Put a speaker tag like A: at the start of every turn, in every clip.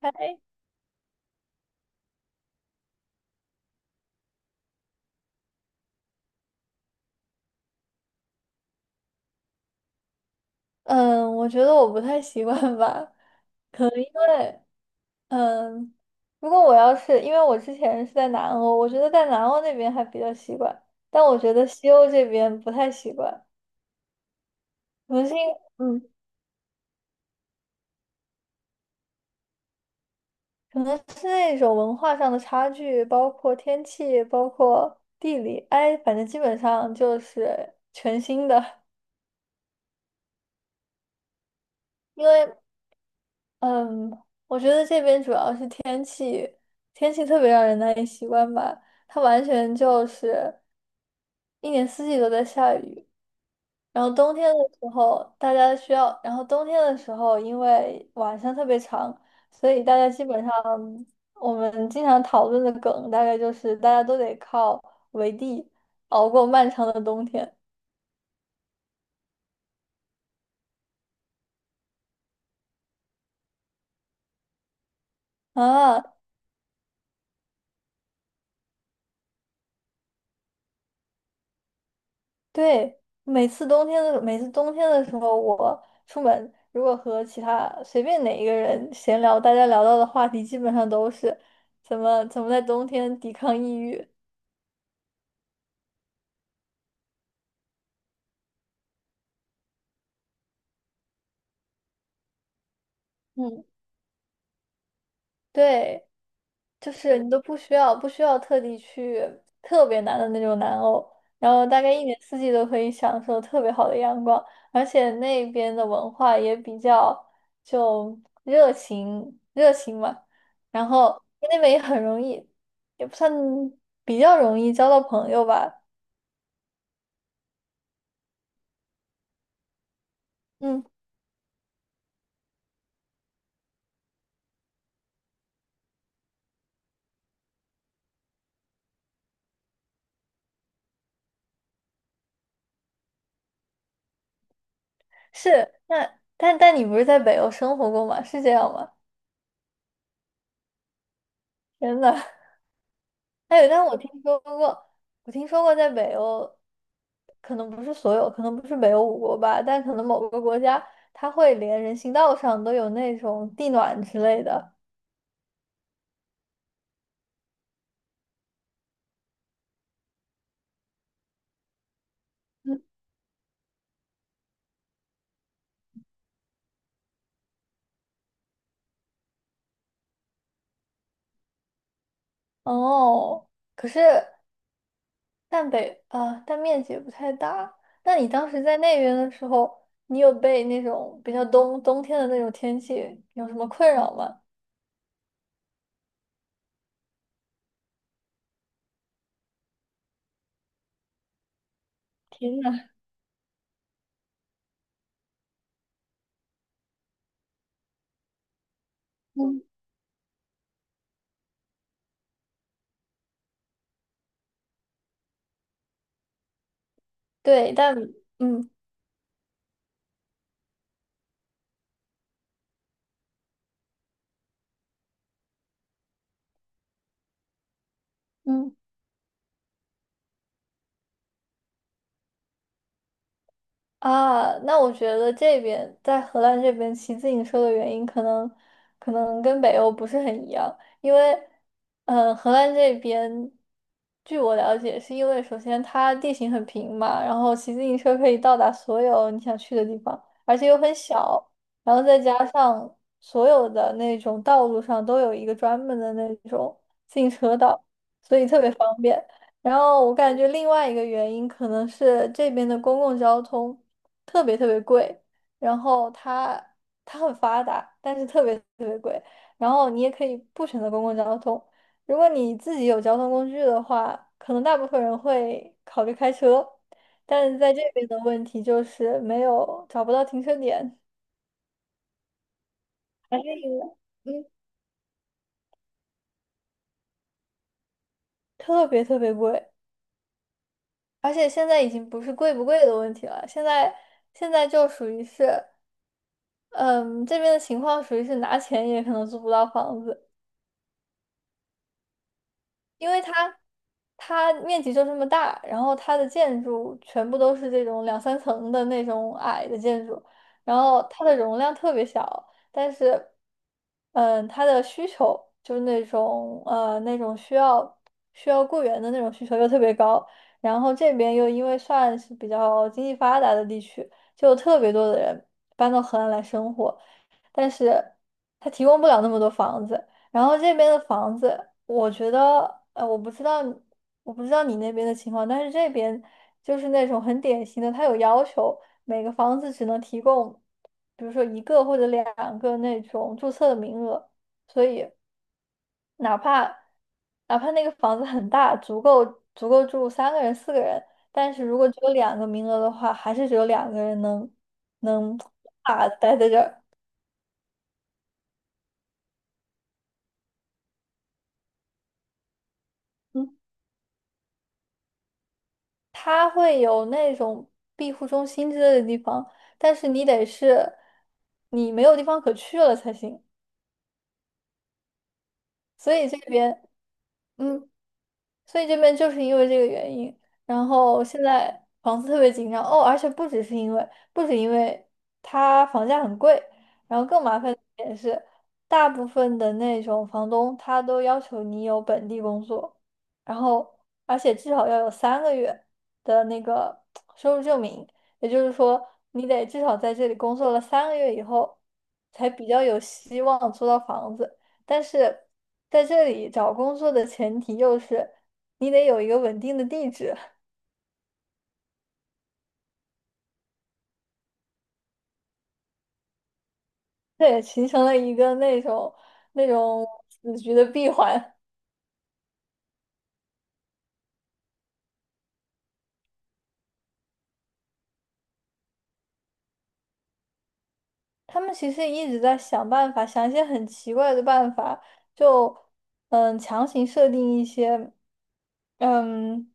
A: 哎，嗯，我觉得我不太习惯吧，可能因为，嗯，如果我要是，因为我之前是在南欧，我觉得在南欧那边还比较习惯，但我觉得西欧这边不太习惯，可能是因，嗯，可能是那种文化上的差距，包括天气，包括地理，哎，反正基本上就是全新的。因为嗯，我觉得这边主要是天气，天气特别让人难以习惯吧。它完全就是一年四季都在下雨，然后冬天的时候大家需要，然后冬天的时候因为晚上特别长，所以大家基本上我们经常讨论的梗大概就是大家都得靠围地熬过漫长的冬天啊。对，每次冬天的时候，我出门如果和其他随便哪一个人闲聊，大家聊到的话题基本上都是怎么怎么在冬天抵抗抑郁。嗯，对，就是你都不需要特地去特别难的那种南欧，然后大概一年四季都可以享受特别好的阳光，而且那边的文化也比较就热情热情嘛，然后那边也很容易，也不算比较容易交到朋友吧。嗯，是，那但你不是在北欧生活过吗？是这样吗？真的。哎，但我听说过在北欧。可能不是所有，可能不是北欧五国吧，但可能某个国家它会连人行道上都有那种地暖之类的。嗯，哦，可是但北啊，但面积也不太大。那你当时在那边的时候，你有被那种比较冬天的那种天气有什么困扰吗？天呐，嗯对，嗯。嗯。啊，那我觉得这边在荷兰这边骑自行车的原因，可能跟北欧不是很一样，因为，嗯，荷兰这边，据我了解，是因为首先它地形很平嘛，然后骑自行车可以到达所有你想去的地方，而且又很小，然后再加上所有的那种道路上都有一个专门的那种自行车道，所以特别方便。然后我感觉另外一个原因可能是这边的公共交通。特别特别贵，然后它很发达，但是特别特别贵。然后你也可以不选择公共交通，如果你自己有交通工具的话，可能大部分人会考虑开车，但是在这边的问题就是没有找不到停车点，还是因为嗯特别特别贵，而且现在已经不是贵不贵的问题了，现在就属于是嗯这边的情况属于是拿钱也可能租不到房子。因为它面积就这么大，然后它的建筑全部都是这种两三层的那种矮的建筑，然后它的容量特别小，但是，它的需求就是那种那种需要雇员的那种需求又特别高，然后这边又因为算是比较经济发达的地区，就有特别多的人搬到荷兰来生活。但是他提供不了那么多房子。然后这边的房子，我觉得，我不知道你那边的情况，但是这边就是那种很典型的，他有要求，每个房子只能提供，比如说一个或者两个那种注册的名额，所以哪怕哪怕那个房子很大，足够住三个人、四个人，但是如果只有两个名额的话，还是只有两个人能 啊待在这儿。嗯它会有那种庇护中心之类的地方，但是你得是你没有地方可去了才行。所以这边，嗯，所以这边就是因为这个原因，然后现在房子特别紧张哦，而且不只是因为，不止因为它房价很贵，然后更麻烦的一点是，大部分的那种房东他都要求你有本地工作，然后而且至少要有三个月的那个收入证明，也就是说你得至少在这里工作了三个月以后，才比较有希望租到房子。但是在这里找工作的前提又是你得有一个稳定的地址，这也形成了一个那种死局的闭环。他们其实一直在想办法，想一些很奇怪的办法，就强行设定一些嗯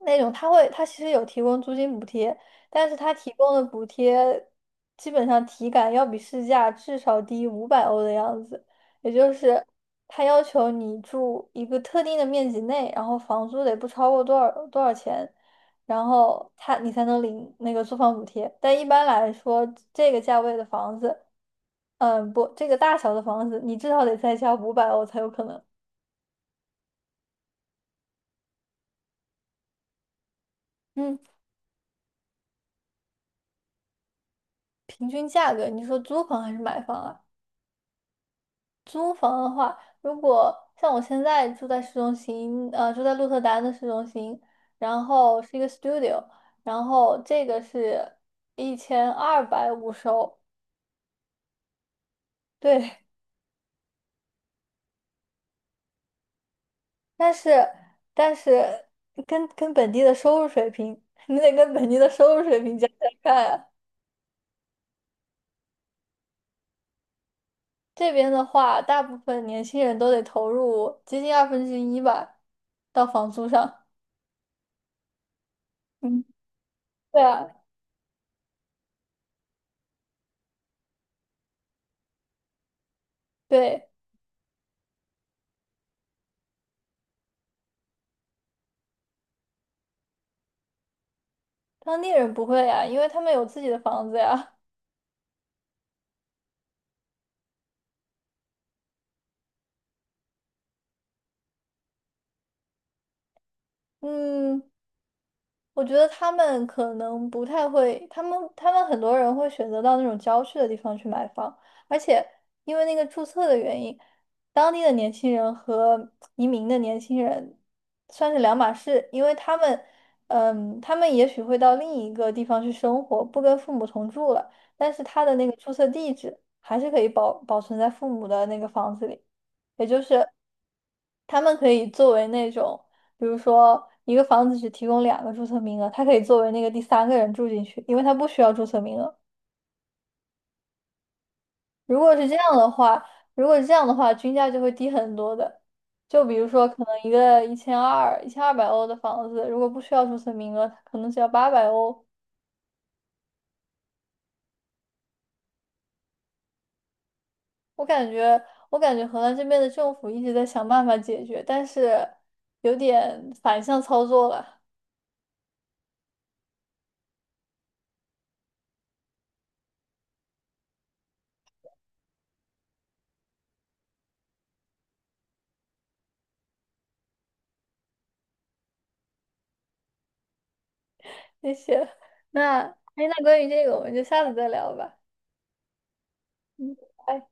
A: 那种他其实有提供租金补贴，但是他提供的补贴基本上体感要比市价至少低五百欧的样子，也就是他要求你住一个特定的面积内，然后房租得不超过多少多少钱。然后你才能领那个租房补贴。但一般来说，这个价位的房子，不，这个大小的房子，你至少得再加五百欧才有可能。嗯，平均价格，你说租房还是买房啊？租房的话，如果像我现在住在市中心，住在鹿特丹的市中心，然后是一个 studio，然后这个是1250欧，对，但是但是跟本地的收入水平，你得跟本地的收入水平加加看啊。这边的话，大部分年轻人都得投入接近1/2吧，到房租上。嗯，对啊，对，当地人不会啊，因为他们有自己的房子呀。嗯，我觉得他们可能不太会，他们很多人会选择到那种郊区的地方去买房，而且因为那个注册的原因，当地的年轻人和移民的年轻人算是两码事，因为他们也许会到另一个地方去生活，不跟父母同住了，但是他的那个注册地址还是可以保存在父母的那个房子里，也就是他们可以作为那种。比如说一个房子只提供两个注册名额，他可以作为那个第三个人住进去，因为他不需要注册名额。如果是这样的话，如果是这样的话，均价就会低很多的。就比如说，可能一个一千二、1200欧的房子，如果不需要注册名额，它可能只要800欧。我感觉，我感觉荷兰这边的政府一直在想办法解决，但是有点反向操作了。谢谢。那，哎，那关于这个，我们就下次再聊吧。嗯。拜拜。